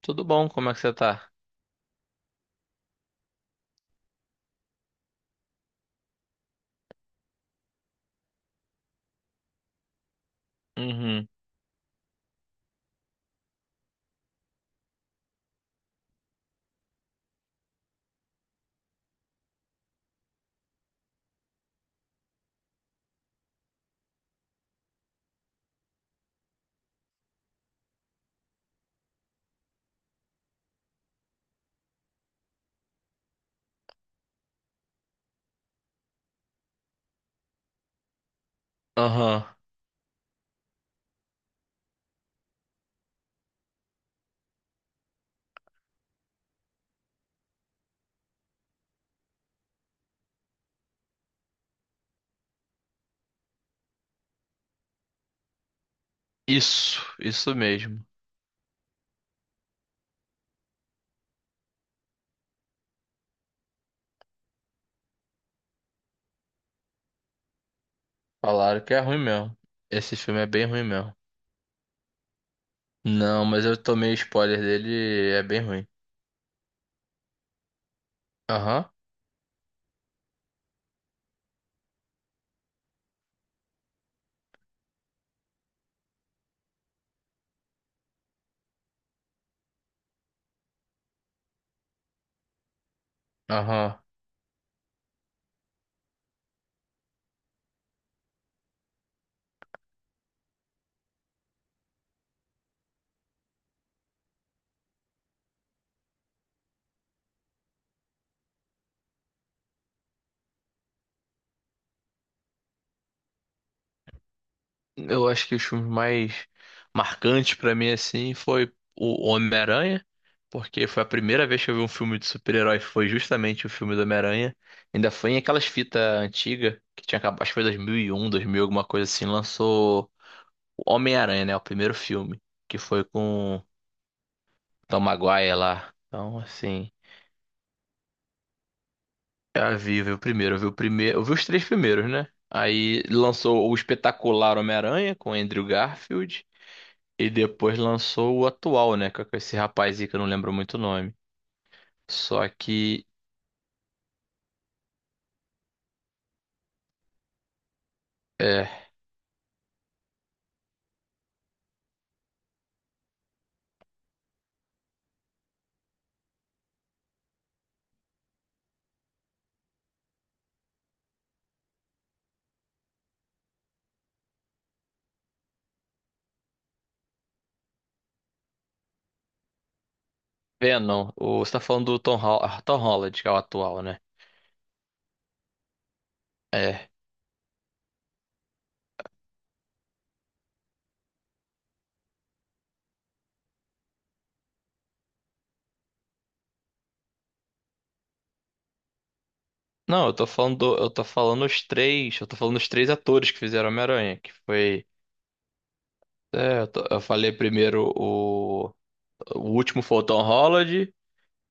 Tudo bom, como é que você tá? Uhum. Aham. Isso mesmo. Falaram que é ruim mesmo. Esse filme é bem ruim mesmo. Não, mas eu tomei spoiler dele, e é bem ruim. Aham, aham. Eu acho que os filmes mais marcantes pra mim, assim, foi o Homem-Aranha, porque foi a primeira vez que eu vi um filme de super-herói, foi justamente o filme do Homem-Aranha. Ainda foi em aquelas fitas antigas, que tinha acabado, acho que foi dois mil e um, dois mil alguma coisa assim, lançou o Homem-Aranha, né? O primeiro filme, que foi com o Tom Maguire lá. Então, assim, eu vi o primeiro, eu vi o primeiro, eu vi os três primeiros, né? Aí lançou o espetacular Homem-Aranha com Andrew Garfield e depois lançou o atual, né, com esse rapaz aí que eu não lembro muito o nome. Só que é, Venom, o, você tá falando do Tom, Tom Holland, que é o atual, né? É. Não, eu tô falando, eu tô falando os três, eu tô falando os três atores que fizeram Homem-Aranha, que foi. É, eu falei primeiro o último foi o Tom Holland,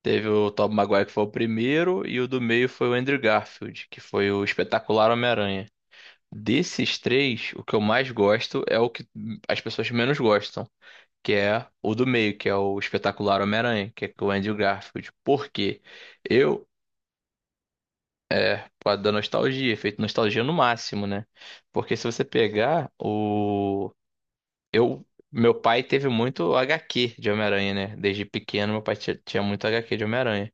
teve o Tobey Maguire que foi o primeiro, e o do meio foi o Andrew Garfield, que foi o espetacular Homem-Aranha. Desses três, o que eu mais gosto é o que as pessoas menos gostam, que é o do meio, que é o espetacular Homem-Aranha, que é com o Andrew Garfield. Por quê? Eu, por causa da nostalgia, efeito nostalgia no máximo, né? Porque se você pegar o... Eu, meu pai teve muito HQ de Homem-Aranha, né? Desde pequeno, meu pai tinha muito HQ de Homem-Aranha.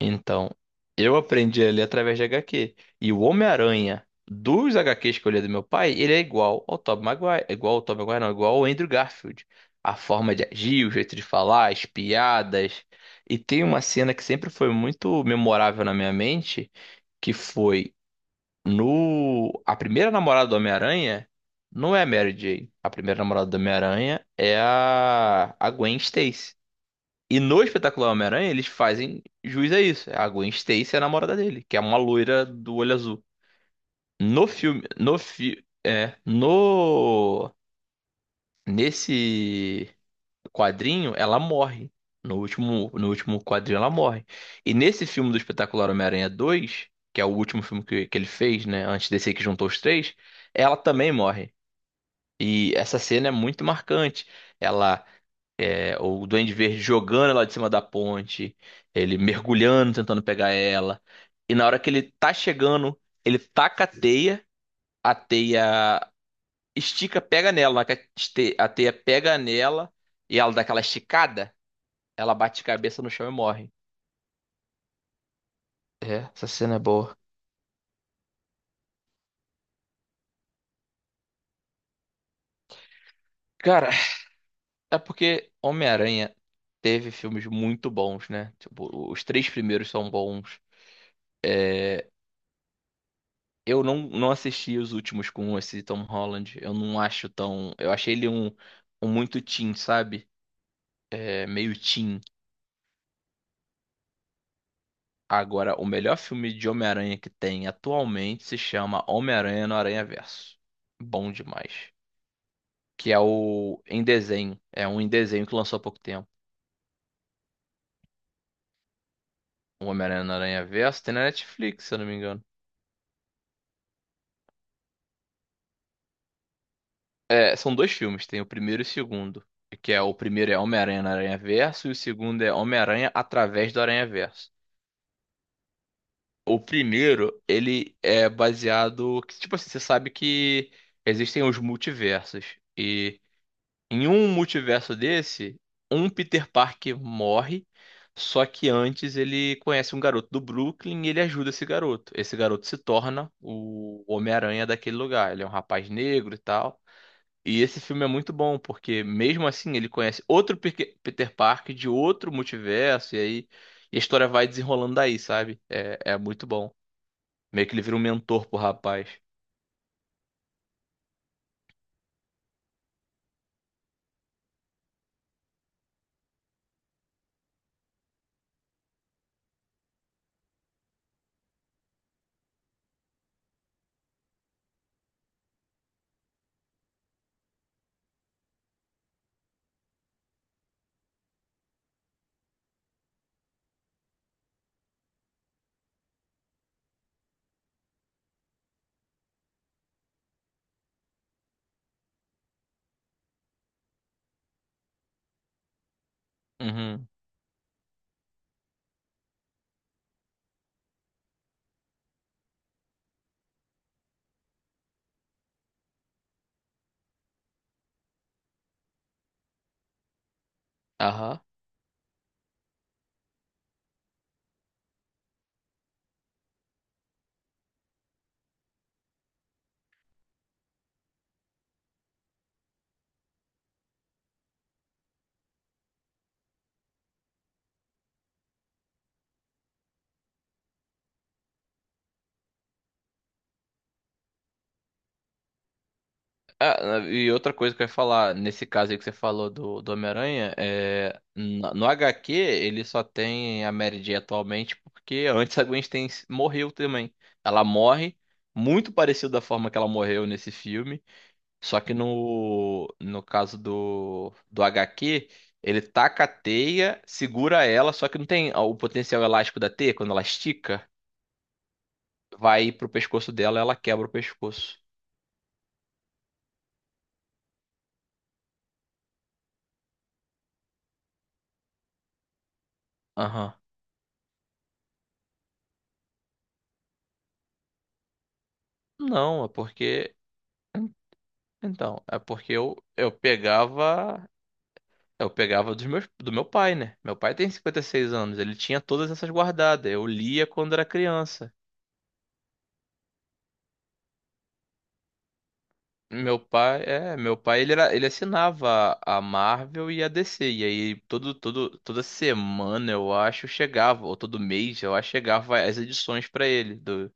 Então, eu aprendi a através de HQ. E o Homem-Aranha dos HQs que eu li do meu pai, ele é igual ao Tobey Maguire. É igual ao Tobey Maguire, não, é igual ao Andrew Garfield. A forma de agir, o jeito de falar, as piadas. E tem uma cena que sempre foi muito memorável na minha mente, que foi. No, a primeira namorada do Homem-Aranha não é a Mary Jane. A primeira namorada do Homem-Aranha é a Gwen Stacy. E no Espetacular Homem-Aranha eles fazem jus a isso. A Gwen Stacy é a namorada dele, que é uma loira do olho azul. No filme, no nesse quadrinho, ela morre. No último, no último quadrinho, ela morre. E nesse filme do Espetacular Homem-Aranha 2 que é o último filme que ele fez, né? Antes desse aí que juntou os três, ela também morre. E essa cena é muito marcante. Ela, é, o Duende Verde jogando ela de cima da ponte, ele mergulhando, tentando pegar ela. E na hora que ele tá chegando, ele taca a teia estica, pega nela. Na hora que a a teia pega nela e ela dá aquela esticada, ela bate cabeça no chão e morre. É, essa cena é boa. Cara, é porque Homem-Aranha teve filmes muito bons, né? Tipo, os três primeiros são bons. É, eu não assisti os últimos com esse Tom Holland. Eu não acho tão. Eu achei ele um, um muito teen, sabe? É, meio teen. Agora, o melhor filme de Homem-Aranha que tem atualmente se chama Homem-Aranha no Aranhaverso. Bom demais. Que é o em desenho. É um em desenho que lançou há pouco tempo. O Homem-Aranha no Aranha Verso tem na Netflix, se eu não me engano. É, são dois filmes, tem o primeiro e o segundo. Que é o primeiro é Homem-Aranha no Aranha Verso e o segundo é Homem-Aranha através do Aranha Verso. O primeiro, ele é baseado, que, tipo assim, você sabe que existem os multiversos. E em um multiverso desse, um Peter Parker morre, só que antes ele conhece um garoto do Brooklyn e ele ajuda esse garoto. Esse garoto se torna o Homem-Aranha daquele lugar. Ele é um rapaz negro e tal. E esse filme é muito bom, porque mesmo assim ele conhece outro Peter Parker de outro multiverso, e aí e a história vai desenrolando daí, sabe? É, é muito bom. Meio que ele vira um mentor pro rapaz. Uhum. Ah, e outra coisa que eu ia falar, nesse caso aí que você falou do, do Homem-Aranha, é, no HQ ele só tem a Mary Jane atualmente porque antes a Gwen Stacy morreu também. Ela morre muito parecido da forma que ela morreu nesse filme, só que no caso do, do HQ, ele taca a teia, segura ela, só que não tem o potencial elástico da teia, quando ela estica, vai pro pescoço dela, ela quebra o pescoço. Aham. Não, é porque. Então, é porque eu pegava. Eu pegava dos meus, do meu pai, né? Meu pai tem 56 anos, ele tinha todas essas guardadas. Eu lia quando era criança. Meu pai, é, meu pai ele, era, ele assinava a Marvel e a DC. E aí toda semana eu acho chegava, ou todo mês eu acho chegava as edições pra ele do,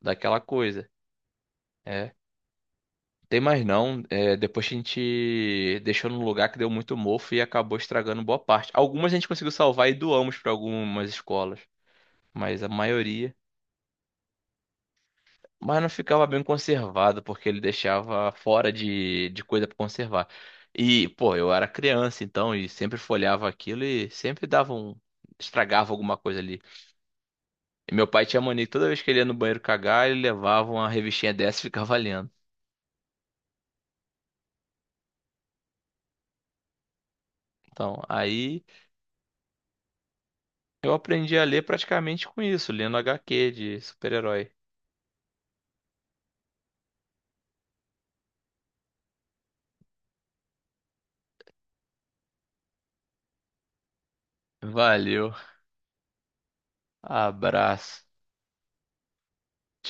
daquela coisa. É. Tem mais não. É, depois a gente deixou num lugar que deu muito mofo e acabou estragando boa parte. Algumas a gente conseguiu salvar e doamos para algumas escolas, mas a maioria. Mas não ficava bem conservado, porque ele deixava fora de coisa para conservar. E, pô, eu era criança então, e sempre folhava aquilo e sempre dava um. Estragava alguma coisa ali. E meu pai tinha mania, que toda vez que ele ia no banheiro cagar, ele levava uma revistinha dessa e ficava lendo. Então, aí. Eu aprendi a ler praticamente com isso, lendo HQ de super-herói. Valeu, abraço.